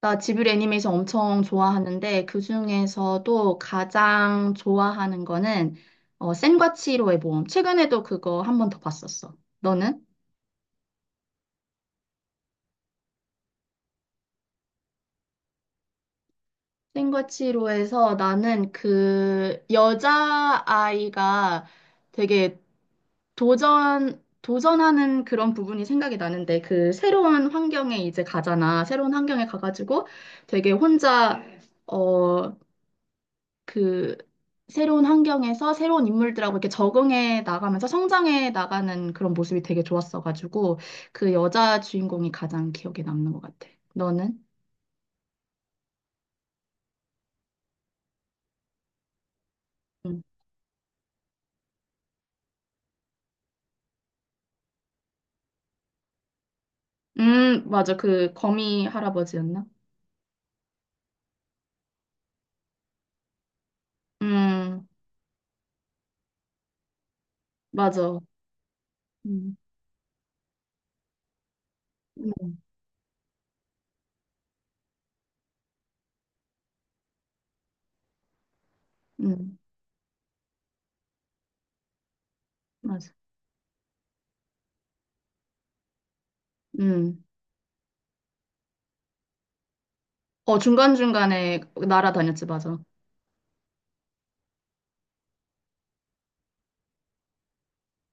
나 지브리 애니메이션 엄청 좋아하는데 그중에서도 가장 좋아하는 거는 센과 치히로의 모험. 최근에도 그거 한 번 더 봤었어. 너는? 센과 치히로에서 나는 그 여자아이가 되게 도전하는 그런 부분이 생각이 나는데 그 새로운 환경에 이제 가잖아. 새로운 환경에 가가지고 되게 혼자 어 그 새로운 환경에서 새로운 인물들하고 이렇게 적응해 나가면서 성장해 나가는 그런 모습이 되게 좋았어가지고 그 여자 주인공이 가장 기억에 남는 것 같아. 너는? 음, 맞아. 그 거미 할아버지였나? 음, 맞아. 음, 음, 음, 맞아. 음. 어, 중간중간에 날아다녔지, 맞아.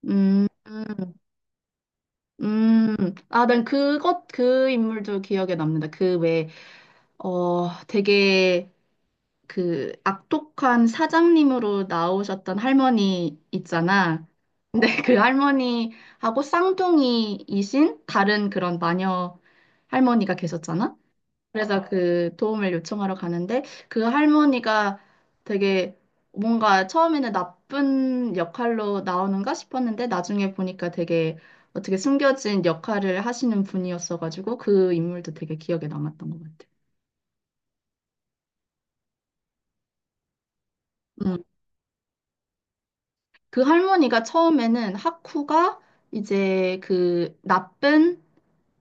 음, 음, 음. 아, 난 그 인물도 기억에 남는다. 그 왜, 되게 그 악독한 사장님으로 나오셨던 할머니 있잖아. 근데 그 할머니하고 쌍둥이이신 다른 그런 마녀 할머니가 계셨잖아. 그래서 그 도움을 요청하러 가는데 그 할머니가 되게 뭔가 처음에는 나쁜 역할로 나오는가 싶었는데 나중에 보니까 되게 어떻게 숨겨진 역할을 하시는 분이었어가지고 그 인물도 되게 기억에 남았던 것 같아. 그 할머니가 처음에는 하쿠가 이제 그 나쁜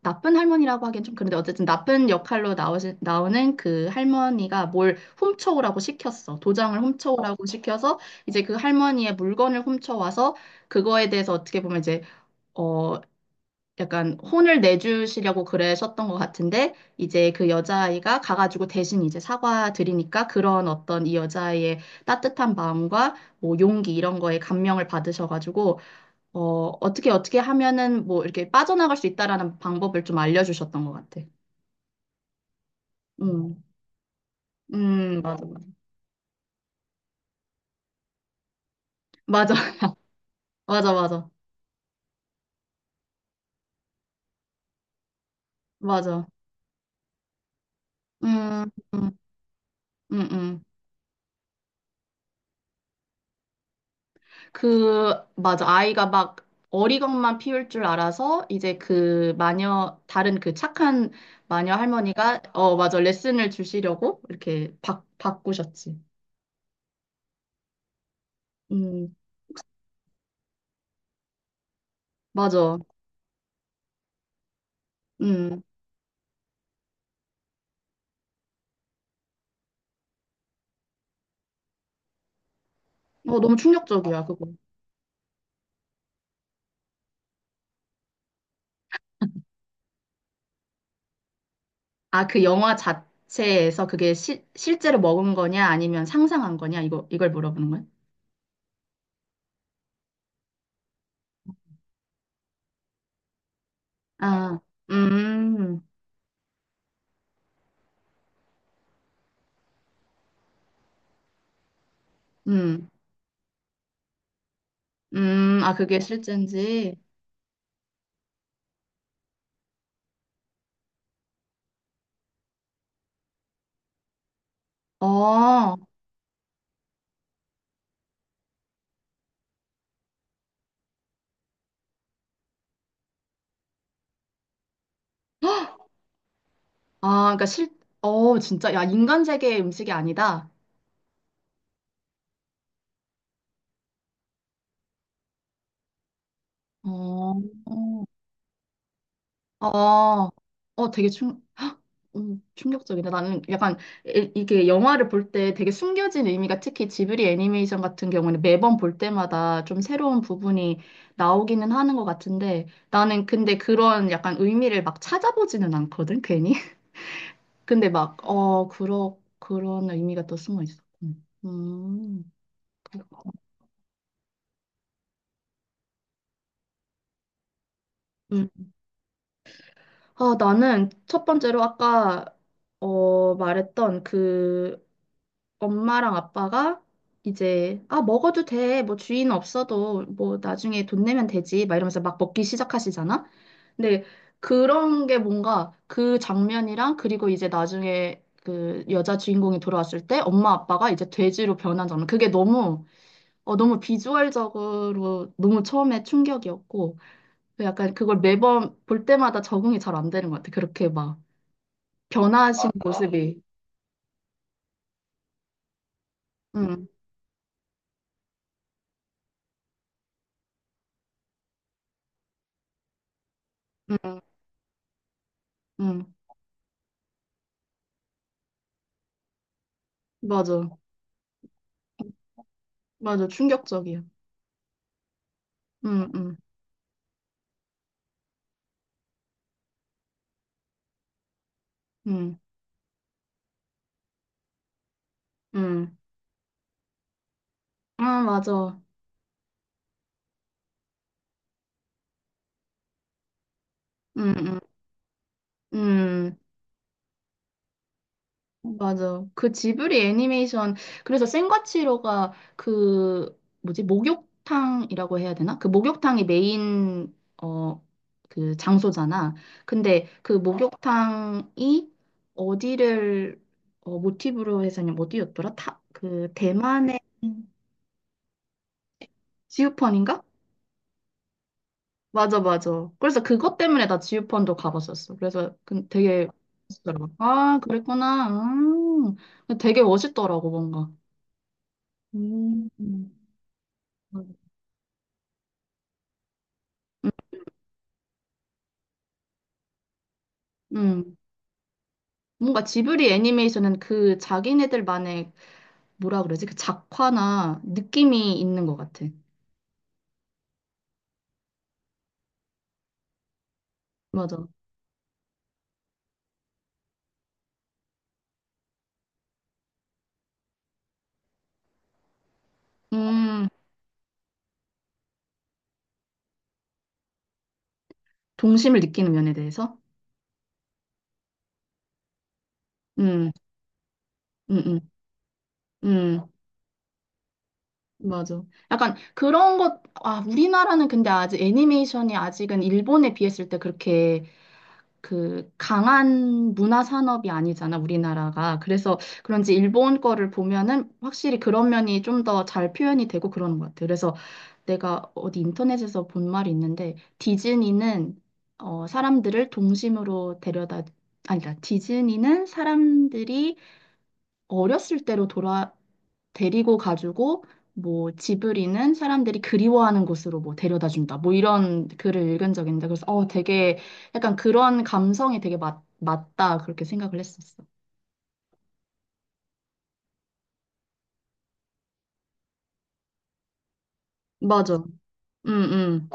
나쁜 할머니라고 하긴 좀 그런데 어쨌든 나쁜 역할로 나오는 그 할머니가 뭘 훔쳐오라고 시켰어. 도장을 훔쳐오라고 시켜서 이제 그 할머니의 물건을 훔쳐와서 그거에 대해서 어떻게 보면 이제 어 약간 혼을 내주시려고 그러셨던 것 같은데 이제 그 여자아이가 가가지고 대신 이제 사과드리니까 그런 어떤 이 여자아이의 따뜻한 마음과 뭐 용기 이런 거에 감명을 받으셔가지고 어떻게 하면은 뭐 이렇게 빠져나갈 수 있다라는 방법을 좀 알려주셨던 것 같아. 음, 맞아, 맞아, 맞아, 맞아, 맞아. 음, 음, 음, 음. 맞아. 아이가 막 어리광만 피울 줄 알아서 이제 다른 그 착한 마녀 할머니가, 맞아. 레슨을 주시려고 이렇게 바꾸셨지. 음, 맞아. 음, 너무 충격적이야, 그거. 아, 그 영화 자체에서 그게 실제로 먹은 거냐 아니면 상상한 거냐 이거 이걸 물어보는 거야? 아, 음, 음, 아 그게 실제인지. 아, 그러니까 진짜, 야, 인간 세계의 음식이 아니다. 어, 어. 아, 되게 헉, 충격적이다. 나는 약간 이게 영화를 볼 때 되게 숨겨진 의미가 특히 지브리 애니메이션 같은 경우는 매번 볼 때마다 좀 새로운 부분이 나오기는 하는 것 같은데 나는 근데 그런 약간 의미를 막 찾아보지는 않거든, 괜히. 근데 막, 그런 의미가 또 숨어 있어. 그렇구나. 음. 아, 나는 첫 번째로 아까 말했던 그 엄마랑 아빠가 이제 아, 먹어도 돼. 뭐 주인 없어도 뭐 나중에 돈 내면 되지. 막 이러면서 막 먹기 시작하시잖아. 근데 그런 게 뭔가 그 장면이랑 그리고 이제 나중에 그 여자 주인공이 돌아왔을 때 엄마 아빠가 이제 돼지로 변한 장면. 그게 너무 너무 비주얼적으로 너무 처음에 충격이었고 그 약간 그걸 매번 볼 때마다 적응이 잘 안 되는 것 같아. 그렇게 막 변하신 아, 모습이. 응, 응, 응, 맞아. 맞아, 충격적이야. 응, 응, 응, 응. 아, 맞아. 응, 응, 응. 맞아. 그 지브리 애니메이션, 그래서 센과치로가 그, 뭐지, 목욕탕이라고 해야 되나? 그 목욕탕이 메인, 어, 그 장소잖아. 근데 그 목욕탕이 어디를, 모티브로 해서, 어디였더라? 그, 대만의 지우펀인가? 맞아, 맞아. 그래서 그것 때문에 나 지우펀도 가봤었어. 그래서 되게, 멋있더라고. 아, 그랬구나. 음. 되게 멋있더라고, 뭔가. 음. 음. 음. 뭔가 지브리 애니메이션은 그 자기네들만의 뭐라 그러지? 그 작화나 느낌이 있는 것 같아. 맞아. 음, 동심을 느끼는 면에 대해서? 음, 음, 음, 음, 맞아. 약간 아, 우리나라는 근데 아직 애니메이션이 아직은 일본에 비했을 때 그렇게 그 강한 문화 산업이 아니잖아, 우리나라가. 그래서 그런지 일본 거를 보면은 확실히 그런 면이 좀 더 잘 표현이 되고 그러는 것 같아요. 그래서 내가 어디 인터넷에서 본 말이 있는데 디즈니는 사람들을 동심으로 데려다 아니다. 디즈니는 사람들이 어렸을 때로 돌아 데리고 가지고 뭐 지브리는 사람들이 그리워하는 곳으로 뭐 데려다 준다. 뭐 이런 글을 읽은 적이 있는데 그래서 되게 약간 그런 감성이 되게 맞다 그렇게 생각을 했었어. 맞아. 응, 응.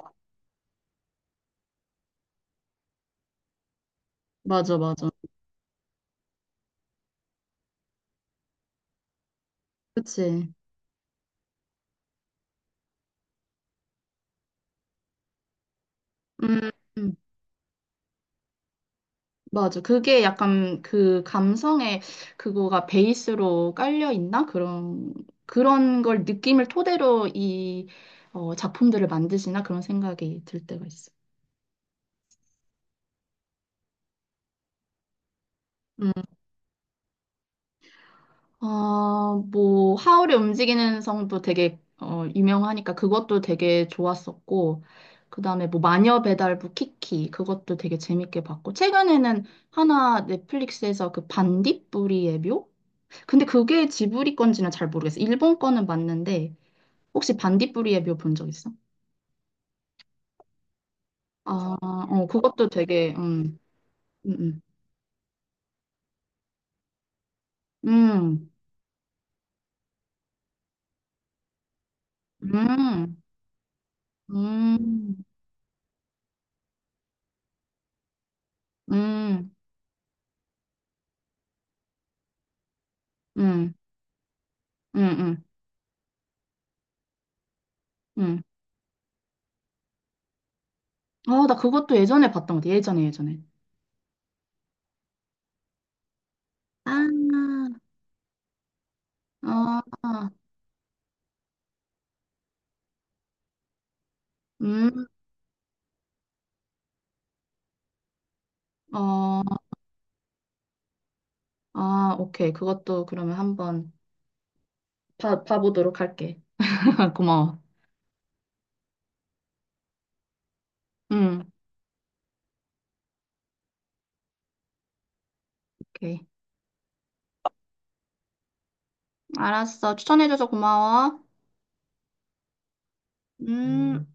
맞아, 맞아. 그치. 음, 음. 맞아. 그게 약간 그 감성의 그거가 베이스로 깔려 있나? 그런 걸 느낌을 토대로 이 작품들을 만드시나 그런 생각이 들 때가 있어. 아, 뭐, 하울의 움직이는 성도 되게, 유명하니까 그것도 되게 좋았었고, 그 다음에 뭐, 마녀 배달부 키키, 그것도 되게 재밌게 봤고, 최근에는 하나 넷플릭스에서 그 반딧불이의 묘? 근데 그게 지브리 건지는 잘 모르겠어. 일본 거는 맞는데, 혹시 반딧불이의 묘 본 적 있어? 아, 그것도 되게, 음, 음, 음, 음, 음, 음, 음, 음, 음. 음. 아, 나 그것도 예전에 봤던 것 같아. 예전에, 예전에. 아, 아, 음, 어, 아, 오케이. 그것도 그러면 한번 봐보도록 할게. 고마워. 음, 오케이. 알았어. 추천해줘서 고마워. 음.